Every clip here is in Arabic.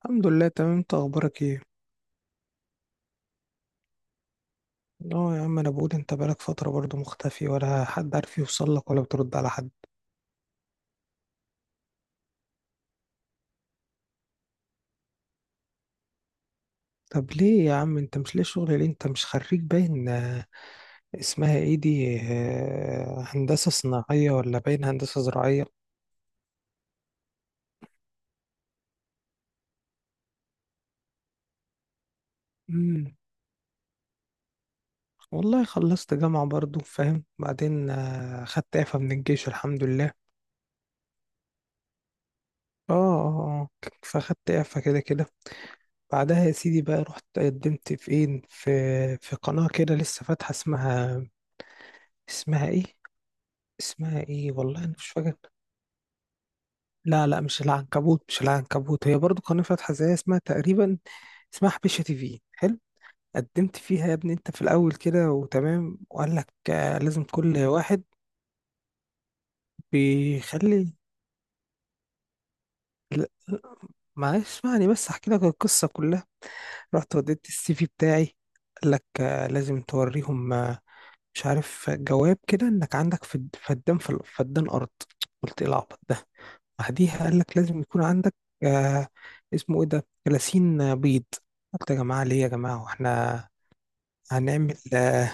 الحمد لله، تمام. انت اخبارك ايه؟ اه يا عم، انا بقول انت بقالك فتره برضه مختفي، ولا حد عارف يوصل لك، ولا بترد على حد؟ طب ليه يا عم؟ انت مش ليه شغل؟ ليه انت مش خريج باين اسمها ايه دي، هندسه صناعيه ولا باين هندسه زراعيه؟ امم. والله خلصت جامعه برضه، فاهم؟ بعدين خدت اعفاء من الجيش، الحمد لله. اه، اه، اه. فاخدت اعفاء كده كده. بعدها يا سيدي بقى، رحت قدمت في ايه، في قناه كده لسه فاتحه، اسمها ايه، اسمها ايه، والله انا مش فاكر. لا، لا، مش العنكبوت، مش العنكبوت، هي برضو قناة فاتحة زيها، اسمها تقريبا اسمها حبيشة تي في، حلو. قدمت فيها يا ابني انت في الاول كده وتمام، وقال لك لازم كل واحد بيخلي معلش، اسمعني بس احكي لك القصة كلها. رحت وديت السي في بتاعي، قال لك لازم توريهم مش عارف جواب كده، انك عندك فدان، في فدان ارض. قلت ايه العبط ده؟ بعديها قال لك لازم يكون عندك آه اسمه ايه ده، 30 بيض. قلت يا جماعه، ليه يا جماعه، واحنا هنعمل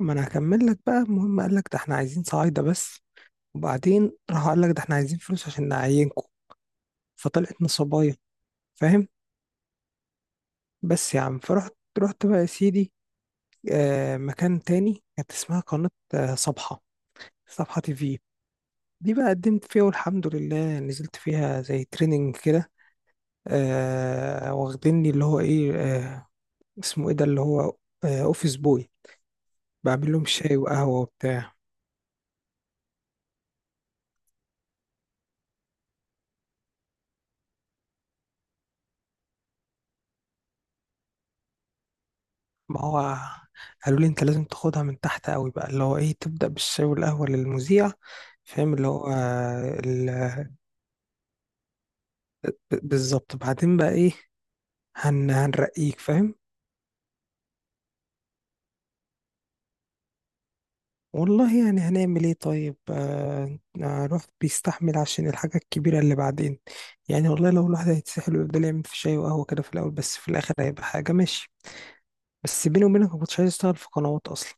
ما انا هكمل لك بقى. المهم قال لك ده احنا عايزين صعايده بس، وبعدين راح قال لك ده احنا عايزين فلوس عشان نعينكم. فطلعت نصابيه، فاهم؟ بس يا عم، فرحت رحت بقى يا سيدي مكان تاني، كانت اسمها قناه صبحه، صبحه تي في. دي بقى قدمت فيها والحمد لله، نزلت فيها زي تريننج كده، واخديني اللي هو ايه، اسمه ايه ده، اللي هو اوفيس بوي، بعمل لهم شاي وقهوة وبتاع. ما هو قالوا لي انت لازم تاخدها من تحت قوي بقى، اللي هو ايه، تبدأ بالشاي والقهوة للمذيع. فاهم اللي هو بالظبط. بعدين بقى ايه؟ هنرقيك، فاهم؟ والله يعني هنعمل ايه طيب؟ الواحد بيستحمل عشان الحاجة الكبيرة اللي بعدين. يعني والله لو الواحد هيتسحل ويفضل يعمل في شاي وقهوة كده في الأول، بس في الآخر هيبقى حاجة ماشي. بس بيني وبينك، ما كنتش عايز اشتغل في قنوات أصلا.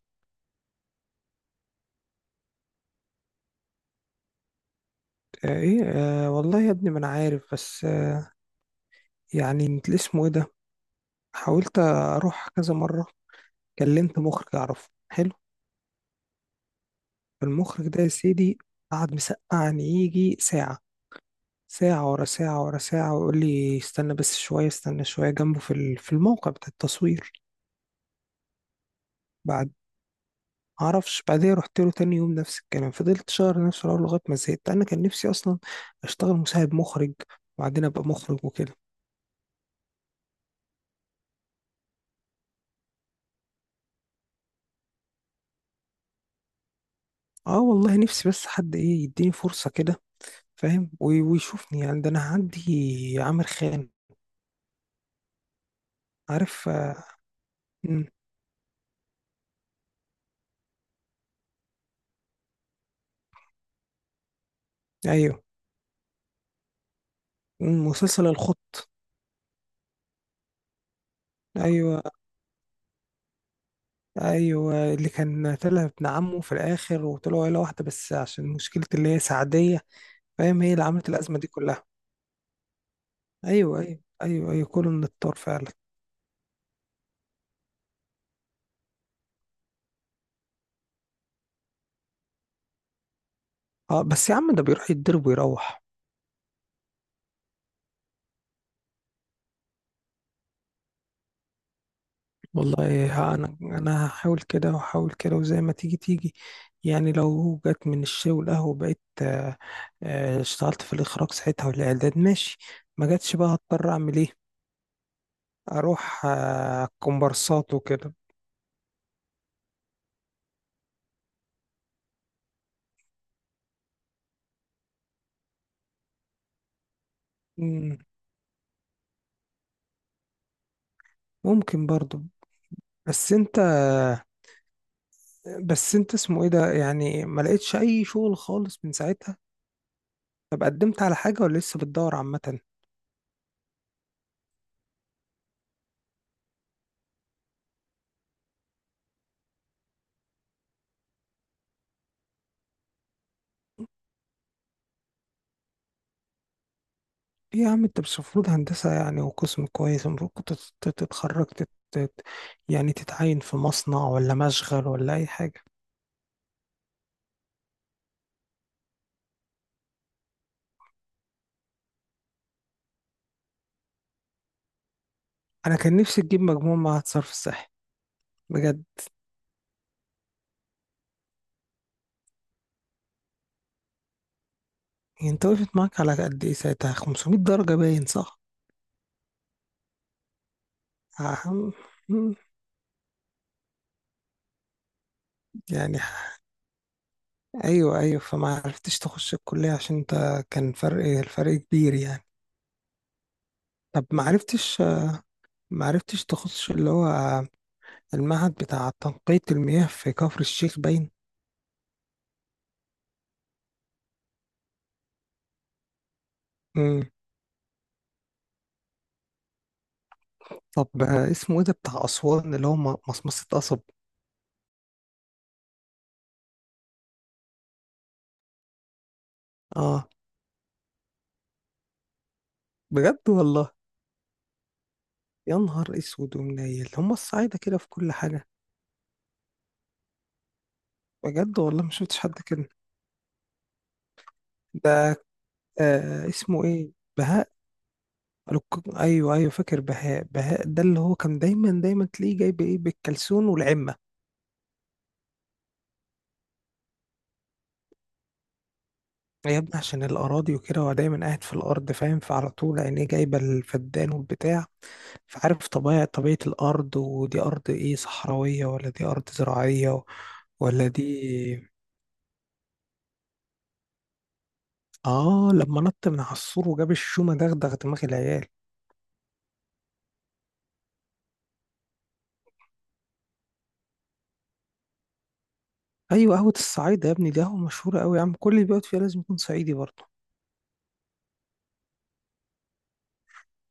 آه ايه آه والله يا ابني ما أنا عارف، بس يعني انت اسمه ايه ده. حاولت أروح كذا مرة، كلمت مخرج أعرفه حلو. المخرج ده يا سيدي قعد مسقعني يجي ساعة، ساعة ورا ساعة ورا ساعة، ويقول لي استنى بس شوية، استنى شوية جنبه في في الموقع بتاع التصوير. بعد معرفش، بعدين رحت له تاني يوم نفس الكلام، فضلت شهر نفس الحوار لغاية ما زهقت. أنا كان نفسي أصلا أشتغل مساعد مخرج، وبعدين أبقى مخرج وكده. أه والله نفسي، بس حد إيه يديني فرصة كده، فاهم؟ ويشوفني يعني، ده أنا عندي عامر خان، عارف؟ مم، أيوه. مسلسل الخط. أيوه، ايوه اللي كان طلع ابن عمه في الاخر، وطلعوا عيله واحده، بس عشان مشكله اللي هي سعديه، فاهم؟ هي اللي عملت الازمه دي كلها. ايوه، ايوه، ايوه، ايوه، كله من الطار فعلا. اه، بس يا عم ده بيروح يتضرب ويروح. والله ها انا هحاول كده وهحاول كده، وزي ما تيجي تيجي. يعني لو جت من الشاي والقهوه، بقيت اشتغلت في الاخراج ساعتها والاعداد، ماشي. ما جاتش بقى، هضطر اعمل ايه؟ اروح كومبارسات وكده. مم، ممكن برضو. بس انت بس انت اسمه ايه ده، يعني ما لقيتش اي شغل خالص من ساعتها. طب قدمت على حاجة ولا لسه بتدور؟ عامة ايه؟ يا عم انت مش المفروض هندسة؟ يعني وقسم كويس، المفروض كنت تتخرج يعني تتعين في مصنع، ولا مشغل، ولا اي حاجة. انا كان نفسي تجيب مجموع مع الصرف الصحي، بجد. يعني انت وقفت معاك على قد ايه ساعتها؟ 500 درجة باين، صح؟ أهم... مم. يعني، ايوه، ايوه، فما عرفتش تخش الكلية عشان انت كان الفرق كبير يعني. طب ما عرفتش، ما عرفتش تخش اللي هو المعهد بتاع تنقية المياه في كفر الشيخ، باين؟ امم. طب اسمه ايه ده بتاع أسوان اللي هو مصمصة قصب؟ اه، بجد والله. يا نهار اسود ومنيل، هم الصعايدة كده في كل حاجة. بجد والله، ما شفتش حد كده. ده اسمه ايه، بهاء؟ ايوه، ايوه، فاكر بهاء. بهاء ده اللي هو كان دايما دايما تلاقيه جايب ايه بالكلسون والعمة. يا ابني عشان الأراضي وكده، هو دايما قاعد في الأرض، فاهم؟ فعلى طول عينيه جايبة الفدان والبتاع، فعارف طبيعة، طبيعة الأرض، ودي أرض إيه، صحراوية ولا دي أرض زراعية ولا دي... آه، لما نط من على السور وجاب الشومة، دغدغ دماغ العيال. أيوة، قهوة الصعيد يا ابني دي قهوة مشهورة أوي يا عم، كل اللي بيقعد فيها لازم يكون صعيدي برضه.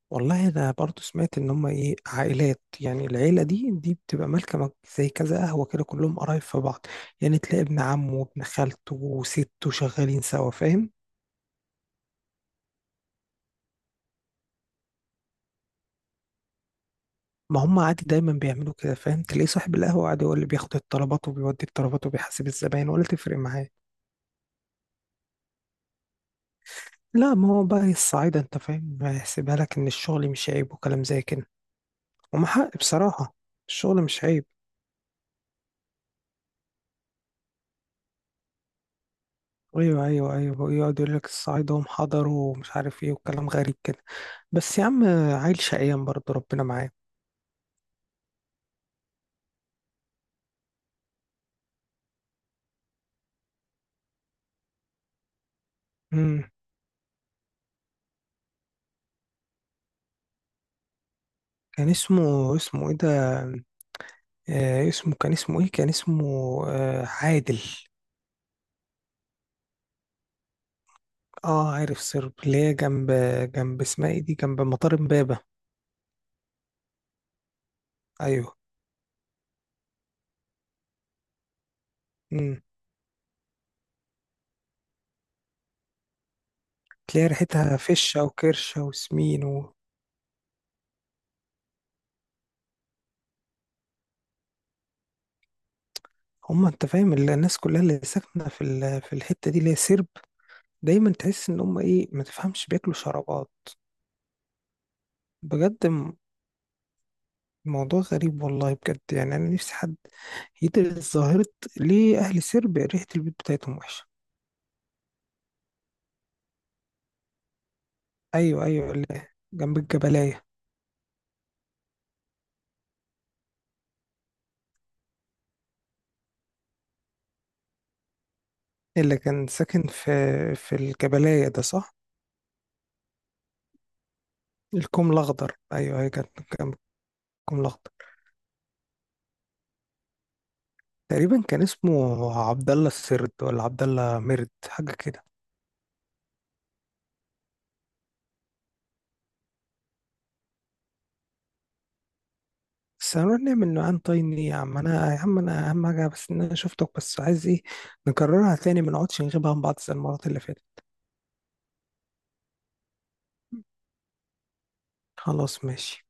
والله انا برضو سمعت ان هم ايه، عائلات، يعني العيله دي، دي بتبقى مالكه زي كذا قهوه كده، كلهم قرايب في بعض. يعني تلاقي ابن عمه وابن خالته وسته شغالين سوا، فاهم؟ ما هم عادي دايما بيعملوا كده، فاهم؟ تلاقي صاحب القهوه عادي هو اللي بياخد الطلبات وبيودي الطلبات وبيحاسب الزباين، ولا تفرق معاه. لا، ما هو بقى الصعايده انت فاهم، هيحسبها لك ان الشغل مش عيب، وكلام زي كده. وما حق بصراحه، الشغل مش عيب. ايوه، ايوه، ايوه، يقعد يقول لك الصعايدة هم حضروا ومش عارف ايه، وكلام غريب كده. بس يا عم، عيل شقيان برضه، ربنا معاه. امم. كان اسمه ايه ده، اسمه، كان اسمه ايه، كان اسمه، عادل. اه عارف سرب، اللي هي جنب، اسمها ايه دي، جنب مطار امبابة. ايوه. امم. تلاقي ريحتها فشة وكرشة وسمين و... هم انت فاهم، الناس كلها اللي ساكنة في في الحتة دي اللي هي سرب، دايما تحس ان هم ايه، ما تفهمش بياكلوا شرابات. بجد، موضوع غريب والله، بجد. يعني انا نفسي حد يدرس ظاهرة ليه اهل سربيا ريحة البيت بتاعتهم وحشة. ايوه، ايوه، اللي جنب الجبلاية، اللي كان ساكن في الجبلاية ده، صح؟ الكوم الاخضر، ايوه، هي كانت جنب الكوم الاخضر. تقريبا كان اسمه عبد الله السرد، ولا عبد الله مرد، حاجة كده. بس هنروح نعمل نوعان طاين ليه يا عم انا اهم حاجة بس ان انا شفتك، بس عايز ايه، نكررها تاني، ما نقعدش نغيبها عن بعض زي المرات اللي فاتت. خلاص، ماشي.